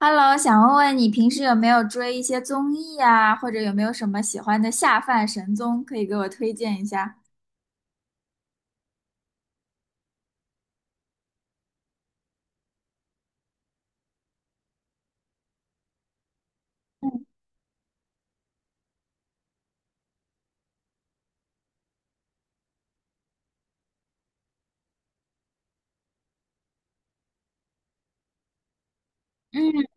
Hello，想问问你平时有没有追一些综艺啊，或者有没有什么喜欢的下饭神综，可以给我推荐一下？嗯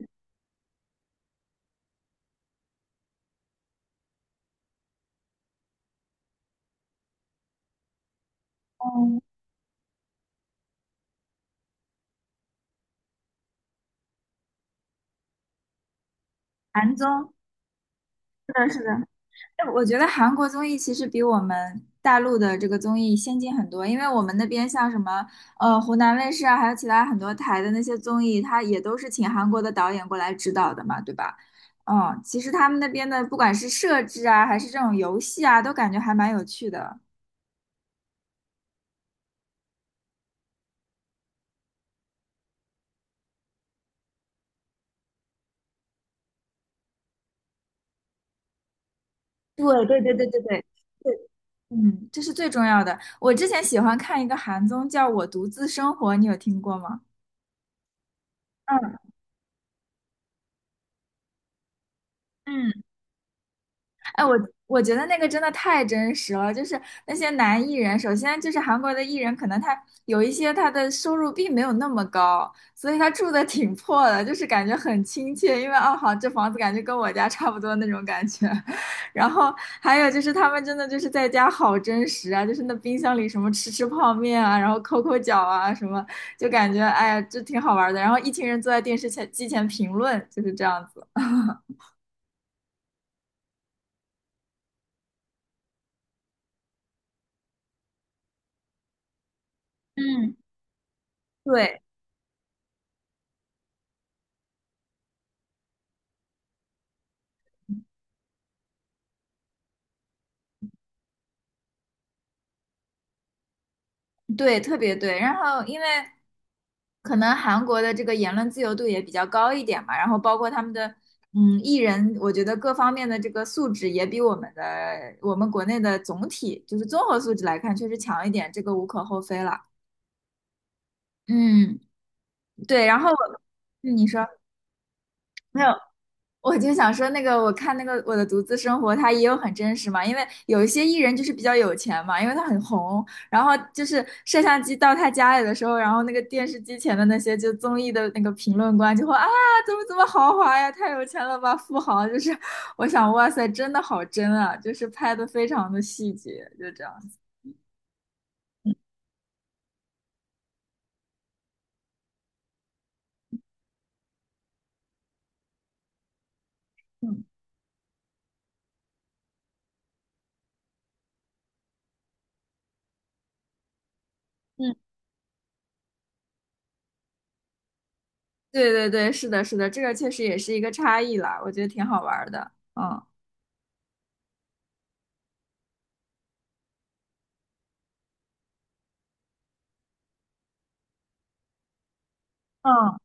嗯，韩综，是的，是的。哎我觉得韩国综艺其实比我们大陆的这个综艺先进很多，因为我们那边像什么湖南卫视啊，还有其他很多台的那些综艺，它也都是请韩国的导演过来指导的嘛，对吧？嗯，其实他们那边的不管是设置啊，还是这种游戏啊，都感觉还蛮有趣的。对对对对对对对，嗯，这是最重要的。我之前喜欢看一个韩综，叫《我独自生活》，你有听过吗？嗯嗯，哎，我觉得那个真的太真实了，就是那些男艺人，首先就是韩国的艺人，可能他有一些他的收入并没有那么高，所以他住的挺破的，就是感觉很亲切，因为哦好，这房子感觉跟我家差不多那种感觉。然后还有就是他们真的就是在家好真实啊，就是那冰箱里什么吃吃泡面啊，然后抠抠脚啊什么，就感觉哎呀这挺好玩的。然后一群人坐在电视前机前评论，就是这样子。嗯，对，对，特别对。然后，因为可能韩国的这个言论自由度也比较高一点嘛，然后包括他们的艺人，我觉得各方面的这个素质也比我们国内的总体就是综合素质来看，确实强一点，这个无可厚非了。嗯，对。然后我你说没有？我就想说，那个我看那个《我的独自生活》，它也有很真实嘛，因为有一些艺人就是比较有钱嘛，因为他很红，然后就是摄像机到他家里的时候，然后那个电视机前的那些就综艺的那个评论官就会啊，怎么怎么豪华呀，太有钱了吧，富豪，就是我想，哇塞，真的好真啊，就是拍的非常的细节，就这样子。嗯嗯，对对对，是的，是的，这个确实也是一个差异啦，我觉得挺好玩儿的。嗯嗯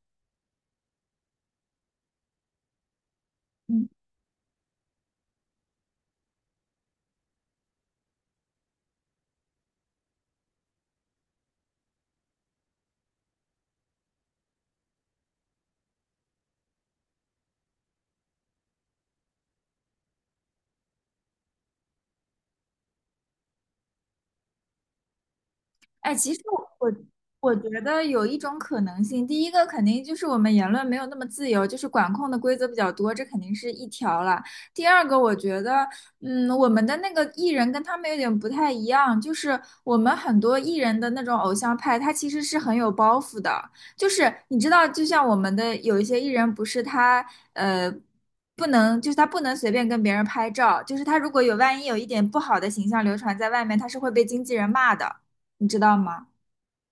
哎，其实我我觉得有一种可能性，第一个肯定就是我们言论没有那么自由，就是管控的规则比较多，这肯定是一条了。第二个，我觉得，嗯，我们的那个艺人跟他们有点不太一样，就是我们很多艺人的那种偶像派，他其实是很有包袱的，就是你知道，就像我们的有一些艺人，不是他呃。不能，就是他不能随便跟别人拍照，就是他如果有万一有一点不好的形象流传在外面，他是会被经纪人骂的。你知道吗？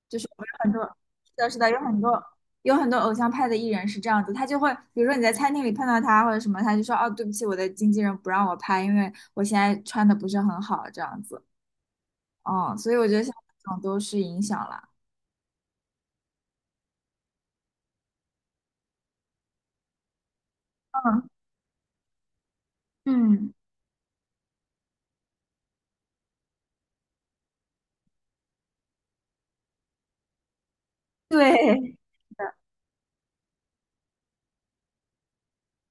就是我们有很多，是的，是的，有很多偶像派的艺人是这样子，他就会，比如说你在餐厅里碰到他或者什么，他就说，哦，对不起，我的经纪人不让我拍，因为我现在穿的不是很好，这样子。嗯，所以我觉得像这种都是影响了，嗯嗯，对，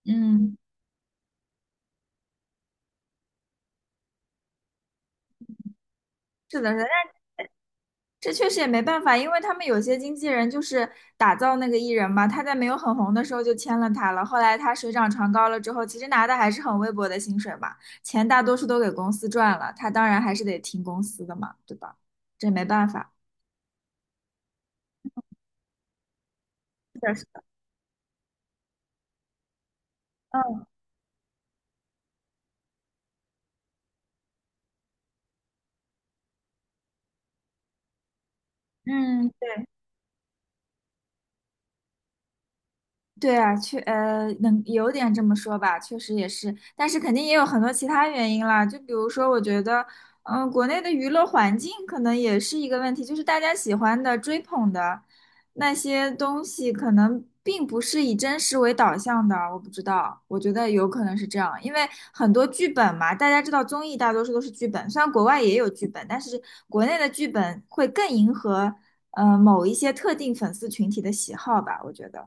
嗯，是的，是的这确实也没办法，因为他们有些经纪人就是打造那个艺人嘛，他在没有很红的时候就签了他了，后来他水涨船高了之后，其实拿的还是很微薄的薪水嘛，钱大多数都给公司赚了，他当然还是得听公司的嘛，对吧？这没办法。是的，是的嗯嗯，对。对啊，能有点这么说吧，确实也是，但是肯定也有很多其他原因啦，就比如说，我觉得，国内的娱乐环境可能也是一个问题，就是大家喜欢的、追捧的那些东西，可能并不是以真实为导向的，我不知道，我觉得有可能是这样，因为很多剧本嘛，大家知道综艺大多数都是剧本，虽然国外也有剧本，但是国内的剧本会更迎合某一些特定粉丝群体的喜好吧，我觉得。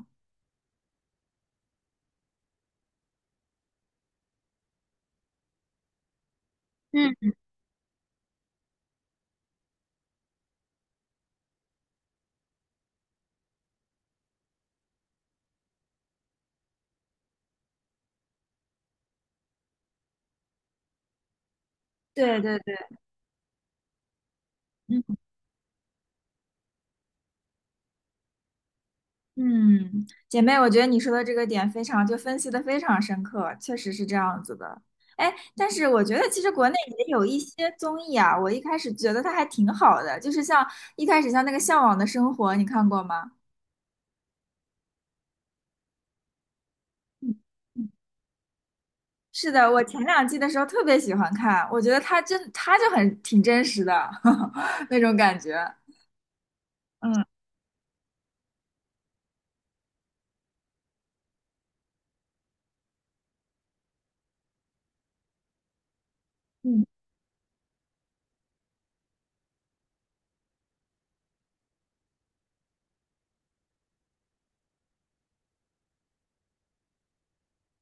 嗯。对对对，嗯嗯，姐妹，我觉得你说的这个点非常，就分析的非常深刻，确实是这样子的。哎，但是我觉得其实国内也有一些综艺啊，我一开始觉得它还挺好的，就是像一开始像那个《向往的生活》，你看过吗？嗯嗯是的，我前两季的时候特别喜欢看，我觉得它真，它就很挺真实的 那种感觉。嗯嗯，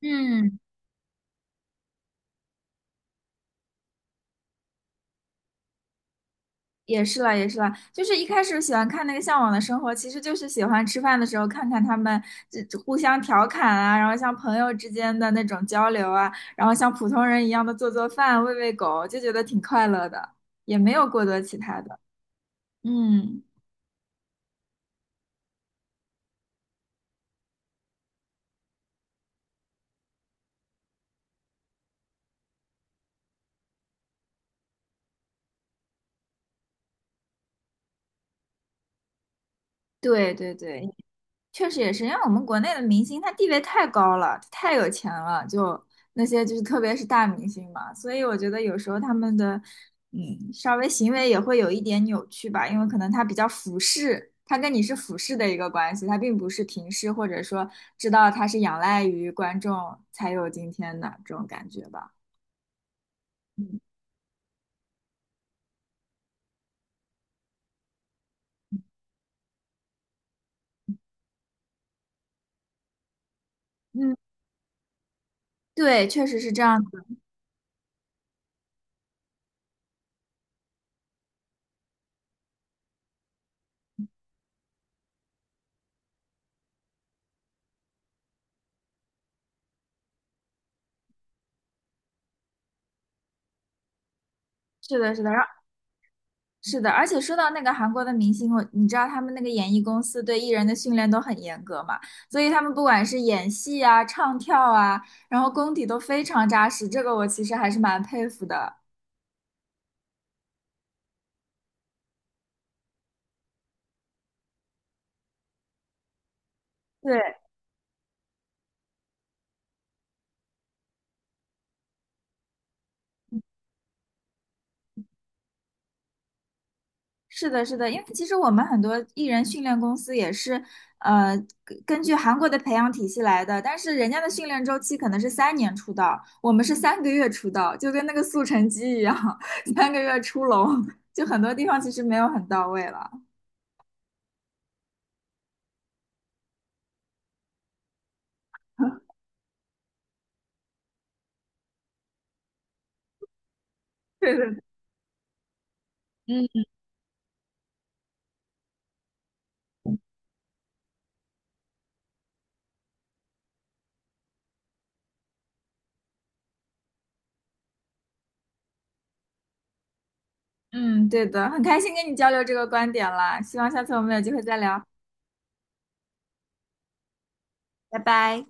嗯，也是啦，也是啦，就是一开始喜欢看那个《向往的生活》，其实就是喜欢吃饭的时候看看他们这互相调侃啊，然后像朋友之间的那种交流啊，然后像普通人一样的做做饭、喂喂狗，就觉得挺快乐的，也没有过多其他的。嗯，对对对，确实也是，因为我们国内的明星他地位太高了，他太有钱了，就那些就是特别是大明星嘛，所以我觉得有时候他们的稍微行为也会有一点扭曲吧，因为可能他比较俯视，他跟你是俯视的一个关系，他并不是平视或者说知道他是仰赖于观众才有今天的这种感觉吧。嗯嗯，对，确实是这样子。是的，是的。然后。是的，而且说到那个韩国的明星，你知道他们那个演艺公司对艺人的训练都很严格嘛，所以他们不管是演戏啊、唱跳啊，然后功底都非常扎实，这个我其实还是蛮佩服的。对，是的，是的，因为其实我们很多艺人训练公司也是，呃，根据韩国的培养体系来的，但是人家的训练周期可能是3年出道，我们是三个月出道，就跟那个速成鸡一样，三个月出笼，就很多地方其实没有很到位了。对对对。嗯，对的，很开心跟你交流这个观点啦，希望下次我们有机会再聊，拜拜。